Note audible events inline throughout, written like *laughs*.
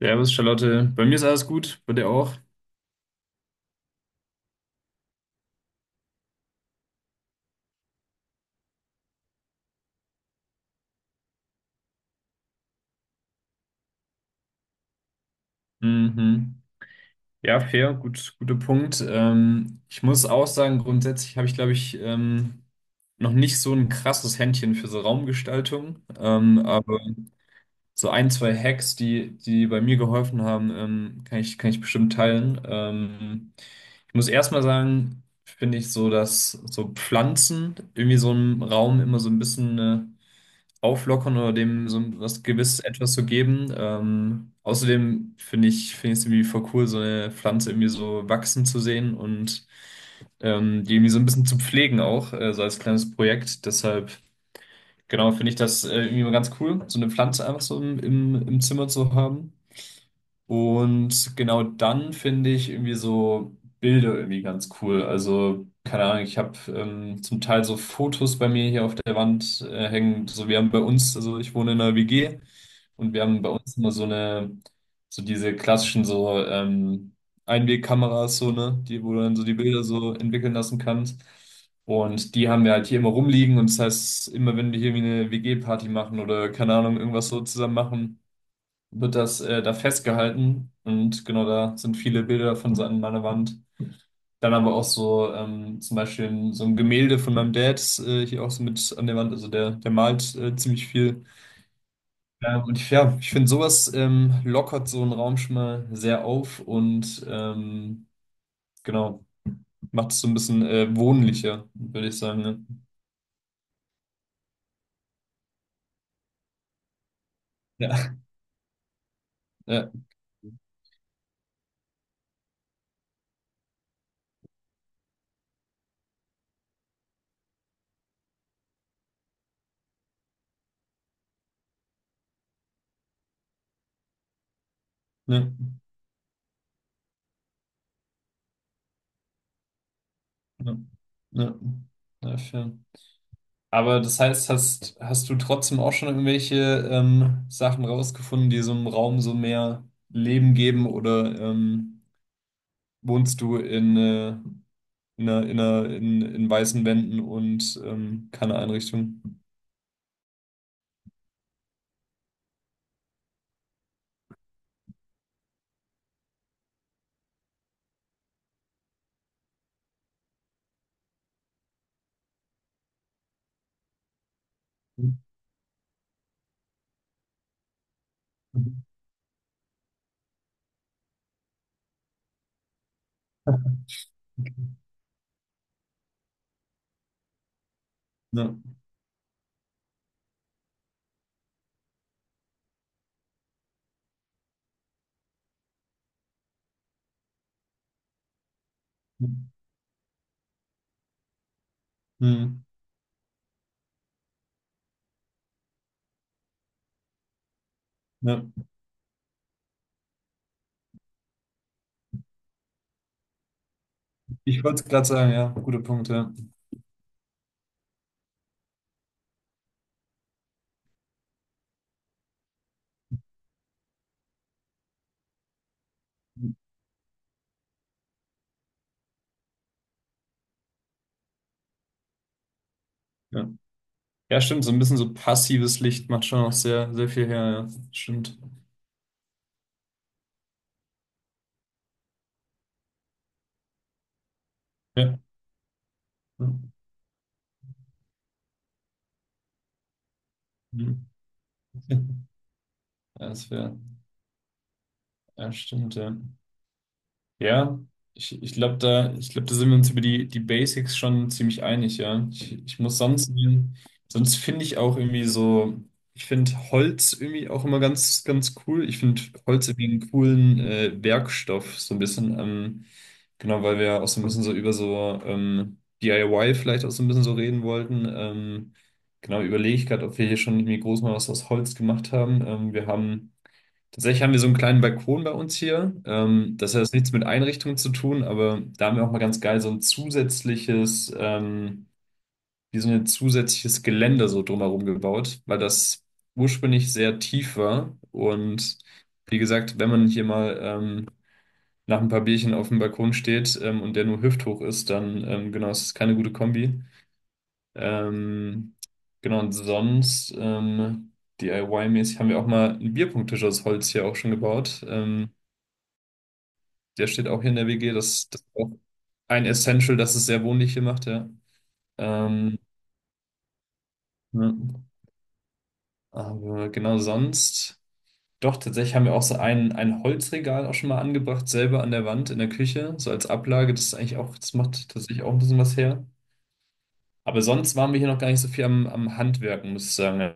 Servus, Charlotte. Bei mir ist alles gut, bei dir auch. Mhm. Ja, fair, gut, guter Punkt. Ich muss auch sagen, grundsätzlich habe ich, glaube ich, noch nicht so ein krasses Händchen für so Raumgestaltung. Aber so ein, zwei Hacks, die bei mir geholfen haben, kann ich bestimmt teilen. Ich muss erstmal sagen, finde ich so, dass so Pflanzen irgendwie so einen Raum immer so ein bisschen eine auflockern oder dem so was gewiss etwas zu geben. Außerdem finde ich es irgendwie voll cool, so eine Pflanze irgendwie so wachsen zu sehen und die irgendwie so ein bisschen zu pflegen auch, so als kleines Projekt. Deshalb, genau, finde ich das irgendwie mal ganz cool, so eine Pflanze einfach so im Zimmer zu haben. Und genau, dann finde ich irgendwie so Bilder irgendwie ganz cool. Also, keine Ahnung, ich habe zum Teil so Fotos bei mir hier auf der Wand hängen. So, wir haben bei uns, also ich wohne in einer WG, und wir haben bei uns immer so eine, so diese klassischen so Einwegkameras, so, ne, die, wo du dann so die Bilder so entwickeln lassen kannst. Und die haben wir halt hier immer rumliegen, und das heißt, immer wenn wir hier irgendwie eine WG-Party machen oder keine Ahnung, irgendwas so zusammen machen, wird das da festgehalten, und genau, da sind viele Bilder von so an meiner Wand. Dann aber auch so zum Beispiel so ein Gemälde von meinem Dad hier auch so mit an der Wand. Also der malt ziemlich viel. Und ich, ja, ich finde, sowas lockert so einen Raum schon mal sehr auf, und genau, macht es so ein bisschen wohnlicher, würde ich sagen. Ne? Ja, ja, ne, ne, ne, ja, fair. Aber das heißt, hast du trotzdem auch schon irgendwelche Sachen rausgefunden, die so einem Raum so mehr Leben geben? Oder wohnst du in weißen Wänden und keine Einrichtung? Ja. Hm. Ja. Ich wollte es gerade sagen, ja, guter Punkt, ja. Ja. Ja, stimmt, so ein bisschen so passives Licht macht schon auch sehr, sehr viel her, ja. Stimmt. Ja. Hm. Ja, das wäre. Ja, stimmt, ja. Ja, ich glaube, da, ich glaub, da sind wir uns über die Basics schon ziemlich einig, ja. Ich, sonst finde ich auch irgendwie so, ich finde Holz irgendwie auch immer ganz, ganz cool. Ich finde Holz irgendwie einen coolen Werkstoff, so ein bisschen, genau, weil wir ja auch so ein bisschen so über so DIY vielleicht auch so ein bisschen so reden wollten. Genau, überlege ich gerade, ob wir hier schon irgendwie groß mal was aus Holz gemacht haben. Wir haben. Tatsächlich haben wir so einen kleinen Balkon bei uns hier. Das hat jetzt nichts mit Einrichtungen zu tun, aber da haben wir auch mal ganz geil so ein zusätzliches, wie so ein zusätzliches Geländer so drumherum gebaut, weil das ursprünglich sehr tief war. Und wie gesagt, wenn man hier mal nach ein paar Bierchen auf dem Balkon steht, und der nur hüfthoch ist, dann, genau, es ist keine gute Kombi. Ähm, genau, und sonst, DIY-mäßig haben wir auch mal einen Bierpunkttisch aus Holz hier auch schon gebaut. Der steht auch hier in der WG. Das ist auch ein Essential, dass es sehr wohnlich hier macht, ja. Ähm, ja. Aber genau, sonst. Doch, tatsächlich haben wir auch so ein Holzregal auch schon mal angebracht, selber an der Wand in der Küche, so als Ablage. Das ist eigentlich auch, das macht tatsächlich auch ein bisschen was her. Aber sonst waren wir hier noch gar nicht so viel am Handwerken, muss ich sagen. Ja,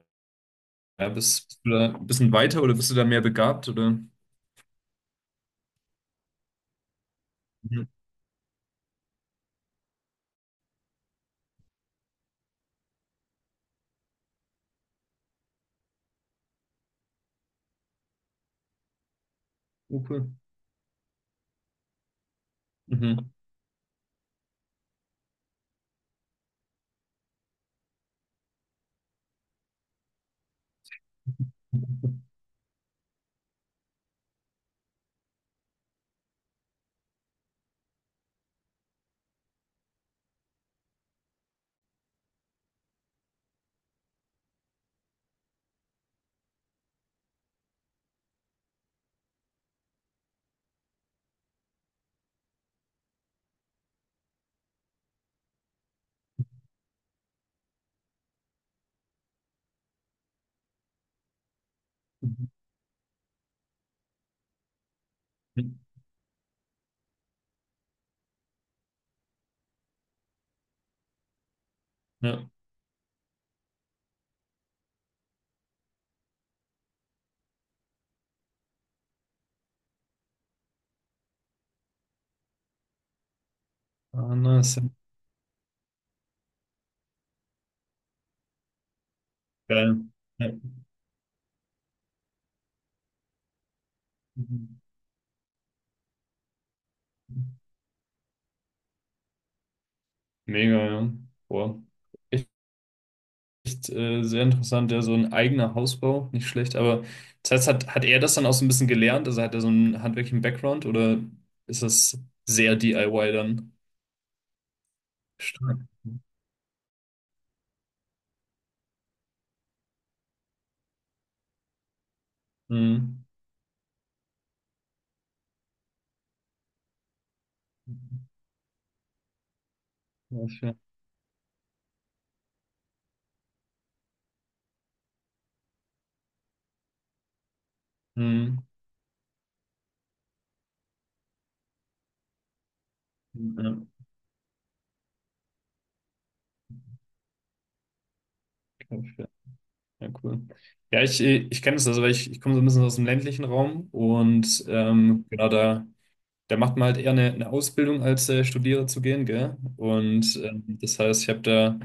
ja, bist du da ein bisschen weiter oder bist du da mehr begabt? Oder? Mhm. Oh, cool. Mhm. Mhm. Ja. Ah, nice. Geil. Ja. Mhm. Mega, ja. Boah. Echt, echt sehr interessant, ja, so ein eigener Hausbau, nicht schlecht. Aber das heißt, hat er das dann auch so ein bisschen gelernt? Also hat er so einen handwerklichen Background, oder ist das sehr DIY dann? Stark. Mhm. Ja, fair. Mhm. Ja, okay, fair. Ja, ja, cool. Ja, ich kenne das, also ich komme so ein bisschen aus dem ländlichen Raum, und genau, da. Da macht man halt eher eine Ausbildung, als Studiere zu gehen, gell? Und das heißt, ich habe da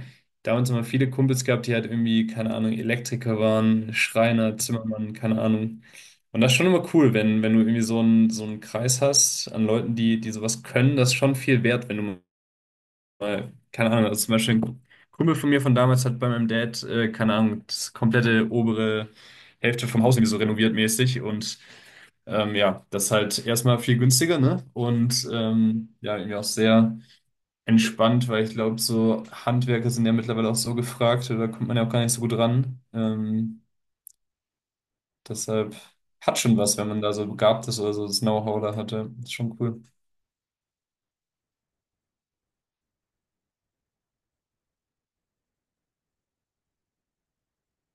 damals immer viele Kumpels gehabt, die halt irgendwie, keine Ahnung, Elektriker waren, Schreiner, Zimmermann, keine Ahnung. Und das ist schon immer cool, wenn, wenn du irgendwie so einen Kreis hast an Leuten, die sowas können, das ist schon viel wert, wenn du weil, keine Ahnung, also zum Beispiel ein Kumpel von mir von damals hat bei meinem Dad, keine Ahnung, das komplette obere Hälfte vom Haus irgendwie so renoviert mäßig, und ja, das ist halt erstmal viel günstiger, ne? Und ja, irgendwie auch sehr entspannt, weil ich glaube, so Handwerker sind ja mittlerweile auch so gefragt, da kommt man ja auch gar nicht so gut ran. Deshalb hat schon was, wenn man da so begabt ist oder so das Know-how da hatte. Ist schon cool.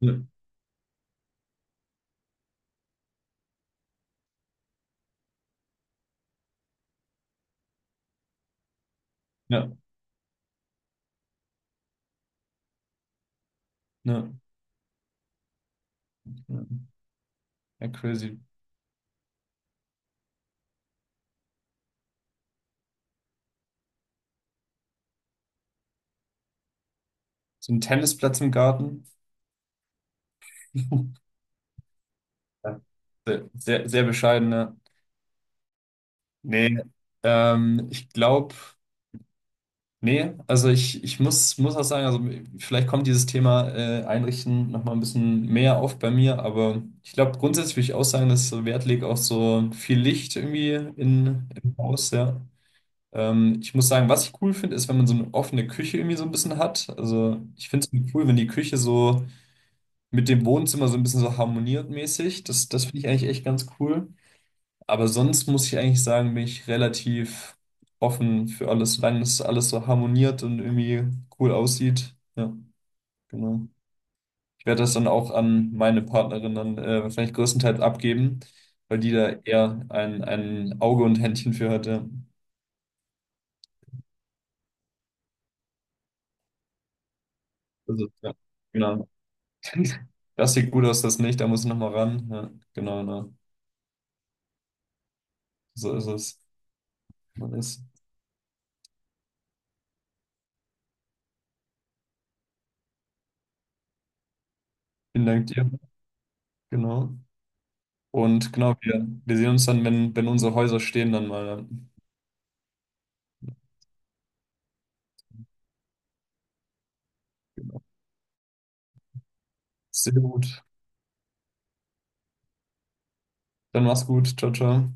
Ja, ja, ja, ja, ja, crazy. So ein Tennisplatz im Garten. Ja. Sehr, sehr, sehr bescheidene. Nee, ich glaube, nee, also ich, muss auch sagen, also vielleicht kommt dieses Thema Einrichten nochmal ein bisschen mehr auf bei mir, aber ich glaube, grundsätzlich würde ich auch sagen, dass ich so Wert legt auf so viel Licht irgendwie im Haus, ja. Ich muss sagen, was ich cool finde, ist, wenn man so eine offene Küche irgendwie so ein bisschen hat. Also ich finde es cool, wenn die Küche so mit dem Wohnzimmer so ein bisschen so harmoniert mäßig. Das finde ich eigentlich echt ganz cool. Aber sonst muss ich eigentlich sagen, bin ich relativ offen für alles, solange es alles so harmoniert und irgendwie cool aussieht. Ja, genau. Ich werde das dann auch an meine Partnerin dann wahrscheinlich größtenteils abgeben, weil die da eher ein Auge und Händchen für hat. Ja. Also, ja, genau. *laughs* Das sieht gut aus, das nicht, da muss ich nochmal ran. Ja, genau, genau. So ist es. Man ist. Es. Vielen Dank dir. Genau. Und genau, wir sehen uns dann, wenn unsere Häuser stehen, dann mal. Ja. Genau. Sehr gut. Dann mach's gut. Ciao, ciao.